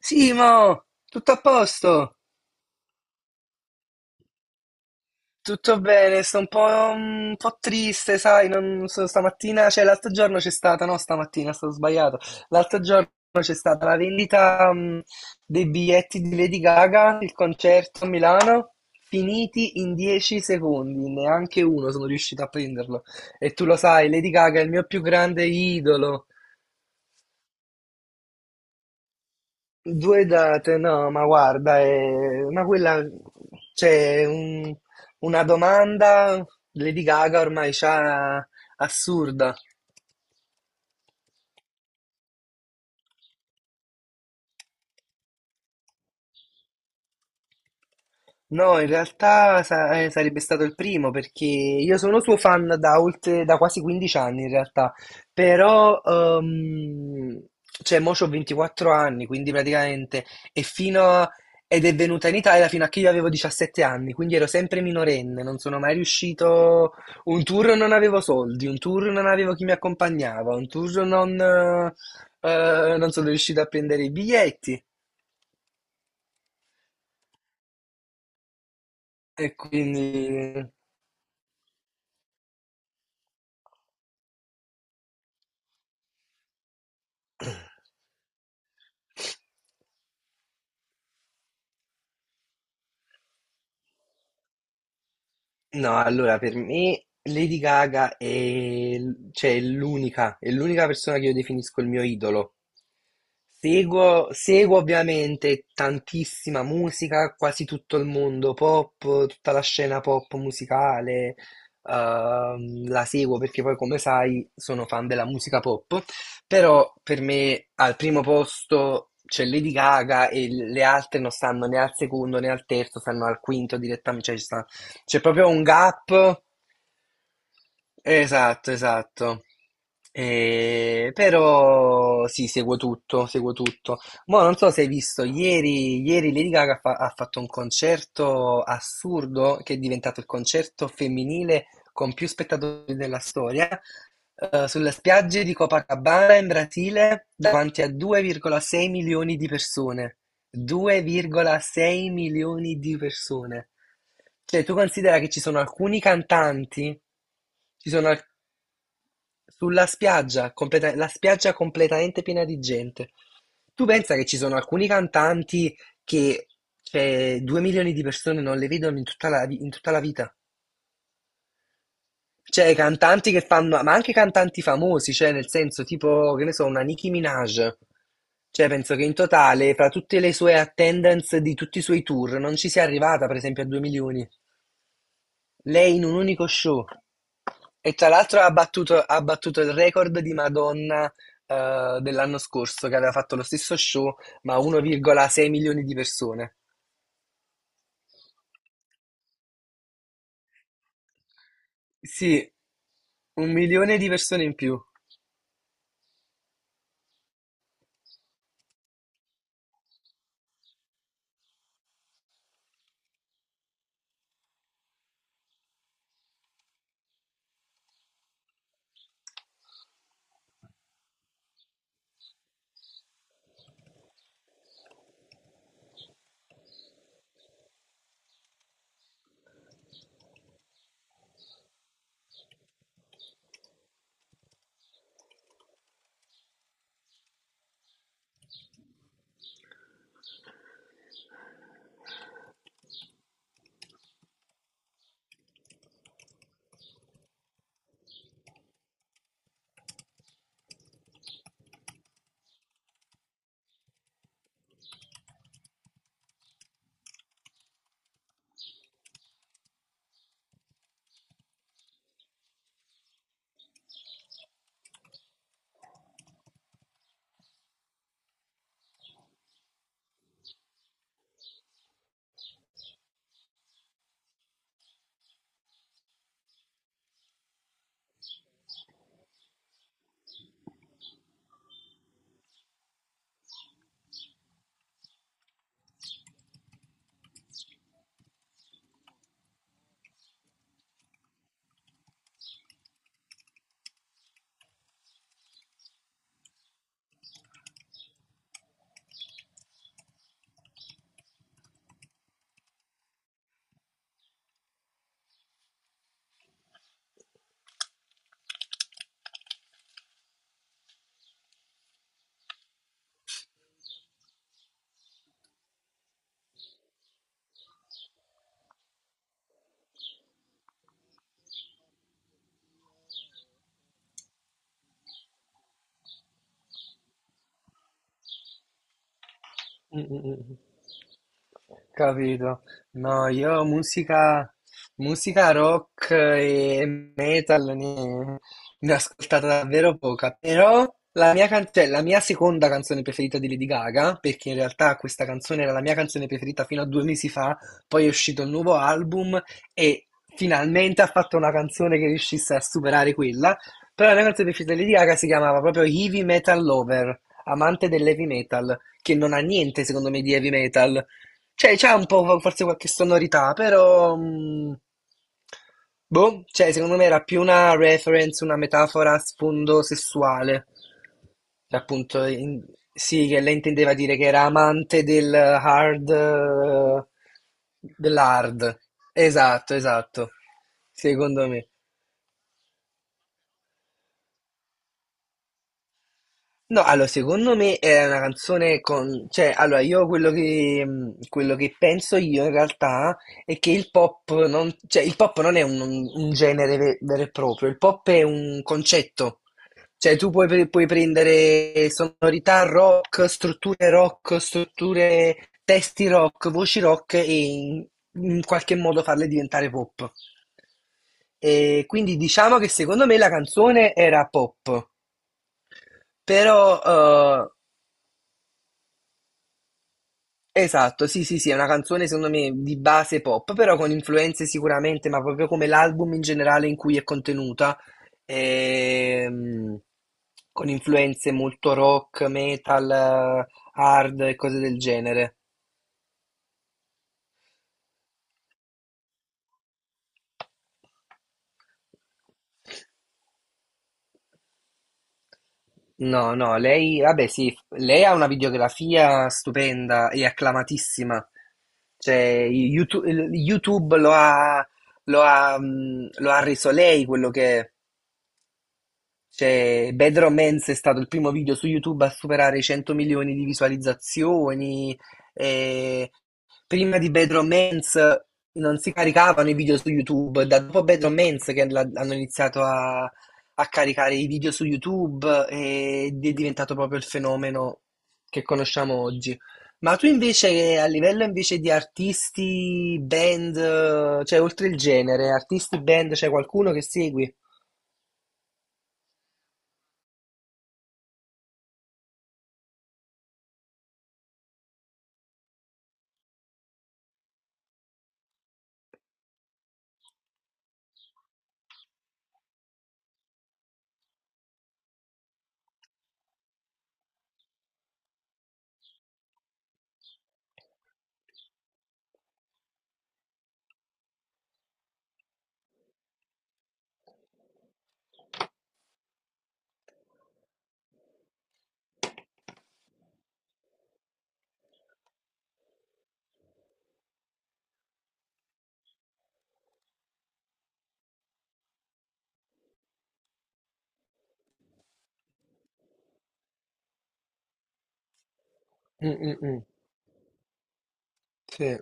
Simo, tutto a posto? Tutto bene, sto un po' triste, sai, non so, stamattina, cioè l'altro giorno c'è stata, no, stamattina, stato sbagliato, l'altro giorno c'è stata la vendita, dei biglietti di Lady Gaga, il concerto a Milano, finiti in 10 secondi, neanche uno sono riuscito a prenderlo. E tu lo sai, Lady Gaga è il mio più grande idolo. Due date, no, ma guarda, ma quella c'è una domanda Lady Gaga ormai c'ha assurda. No, in realtà sarebbe stato il primo perché io sono suo fan da oltre, da quasi 15 anni in realtà, però cioè mo c'ho 24 anni, quindi praticamente e fino a- ed è venuta in Italia fino a che io avevo 17 anni, quindi ero sempre minorenne, non sono mai riuscito, un tour non avevo soldi, un tour non avevo chi mi accompagnava, un tour non sono riuscito a prendere i biglietti e quindi Io no, allora per me Lady Gaga è, cioè, è l'unica persona che io definisco il mio idolo. Seguo ovviamente tantissima musica, quasi tutto il mondo pop, tutta la scena pop musicale, la seguo perché poi come sai sono fan della musica pop, però per me al primo posto c'è Lady Gaga e le altre non stanno né al secondo né al terzo, stanno al quinto direttamente, cioè ci sta c'è proprio un gap. Esatto, esatto. Però sì, seguo tutto, seguo tutto. Mo' non so se hai visto, ieri Lady Gaga ha fatto un concerto assurdo che è diventato il concerto femminile con più spettatori della storia, sulle spiagge di Copacabana in Brasile davanti a 2,6 milioni di persone, 2,6 milioni di persone. Cioè, tu considera che ci sono alcuni cantanti, ci sono al- sulla spiaggia, la spiaggia completamente piena di gente. Tu pensa che ci sono alcuni cantanti che, cioè, 2 milioni di persone non le vedono in tutta la, in tutta la vita? Cioè, cantanti che fanno, ma anche cantanti famosi, cioè nel senso tipo, che ne so, una Nicki Minaj. Cioè, penso che in totale, fra tutte le sue attendance di tutti i suoi tour, non ci sia arrivata, per esempio, a 2 milioni. Lei in un unico show. E tra l'altro ha battuto il record di Madonna, dell'anno scorso, che aveva fatto lo stesso show, ma a 1,6 milioni di persone. Sì, 1 milione di persone in più. Mm, mm, mm. Capito. No, io musica rock e metal ne, ne ho ascoltata davvero poca, però la mia, cioè, la mia seconda canzone preferita di Lady Gaga, perché in realtà questa canzone era la mia canzone preferita fino a 2 mesi fa, poi è uscito il nuovo album e finalmente ha fatto una canzone che riuscisse a superare quella, però la mia canzone preferita di Lady Gaga si chiamava proprio Heavy Metal Lover, amante dell'heavy metal, che non ha niente secondo me di heavy metal. Cioè, c'è un po' forse qualche sonorità, però boh, cioè, secondo me era più una reference, una metafora a sfondo sessuale. Cioè, appunto, sì, che lei intendeva dire che era amante del hard, dell'hard. Esatto, esatto. Secondo me. No, allora secondo me era una canzone con, cioè, allora io quello che penso io in realtà è che il pop non, cioè, il pop non è un, genere vero e proprio, il pop è un concetto, cioè tu puoi, puoi prendere sonorità rock, strutture, testi rock, voci rock e in qualche modo farle diventare pop. E quindi diciamo che secondo me la canzone era pop. Però Esatto, sì, sì, sì, è una canzone secondo me di base pop, però con influenze sicuramente, ma proprio come l'album in generale in cui è contenuta, ehm, con influenze molto rock, metal, hard e cose del genere. No, no, lei, vabbè, sì, lei ha una videografia stupenda e acclamatissima. Cioè, YouTube lo ha reso lei quello che è. Cioè, Bad Romance è stato il primo video su YouTube a superare i 100 milioni di visualizzazioni. E prima di Bad Romance non si caricavano i video su YouTube. Da dopo Bad Romance che hanno iniziato a, caricare i video su YouTube ed è diventato proprio il fenomeno che conosciamo oggi. Ma tu invece, a livello invece di artisti, band, cioè oltre il genere, artisti, band, c'è qualcuno che segui? Mm, mm, mm. Sì.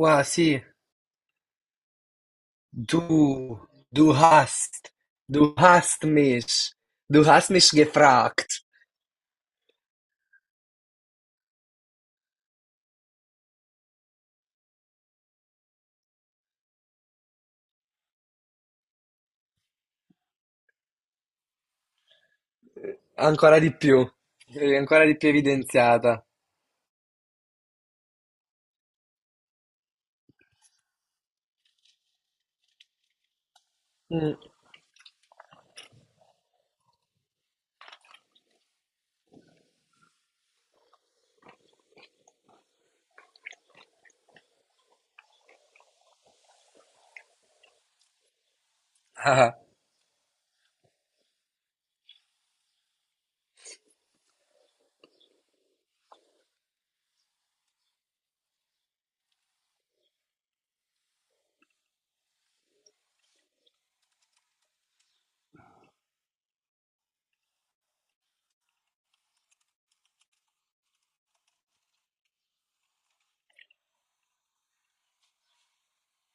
Wa, sí, du, du hast, du hast mich, du hast mich gefragt. Eh, Ancora di più, ancora di più evidenziata. Mm, ah,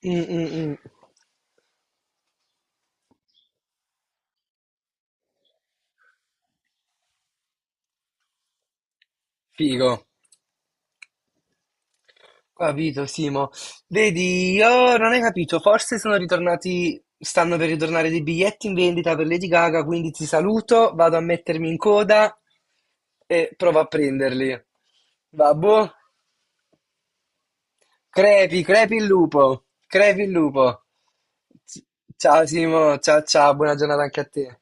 mm, mm, mm. Figo. Capito, Simo. Vedi, io non hai capito, forse sono ritornati, stanno per ritornare dei biglietti in vendita per Lady Gaga, quindi ti saluto, vado a mettermi in coda e provo a prenderli. Va boh? Crepi, crepi il lupo, crepi il lupo. Ciao Simo, ciao ciao, buona giornata anche a te.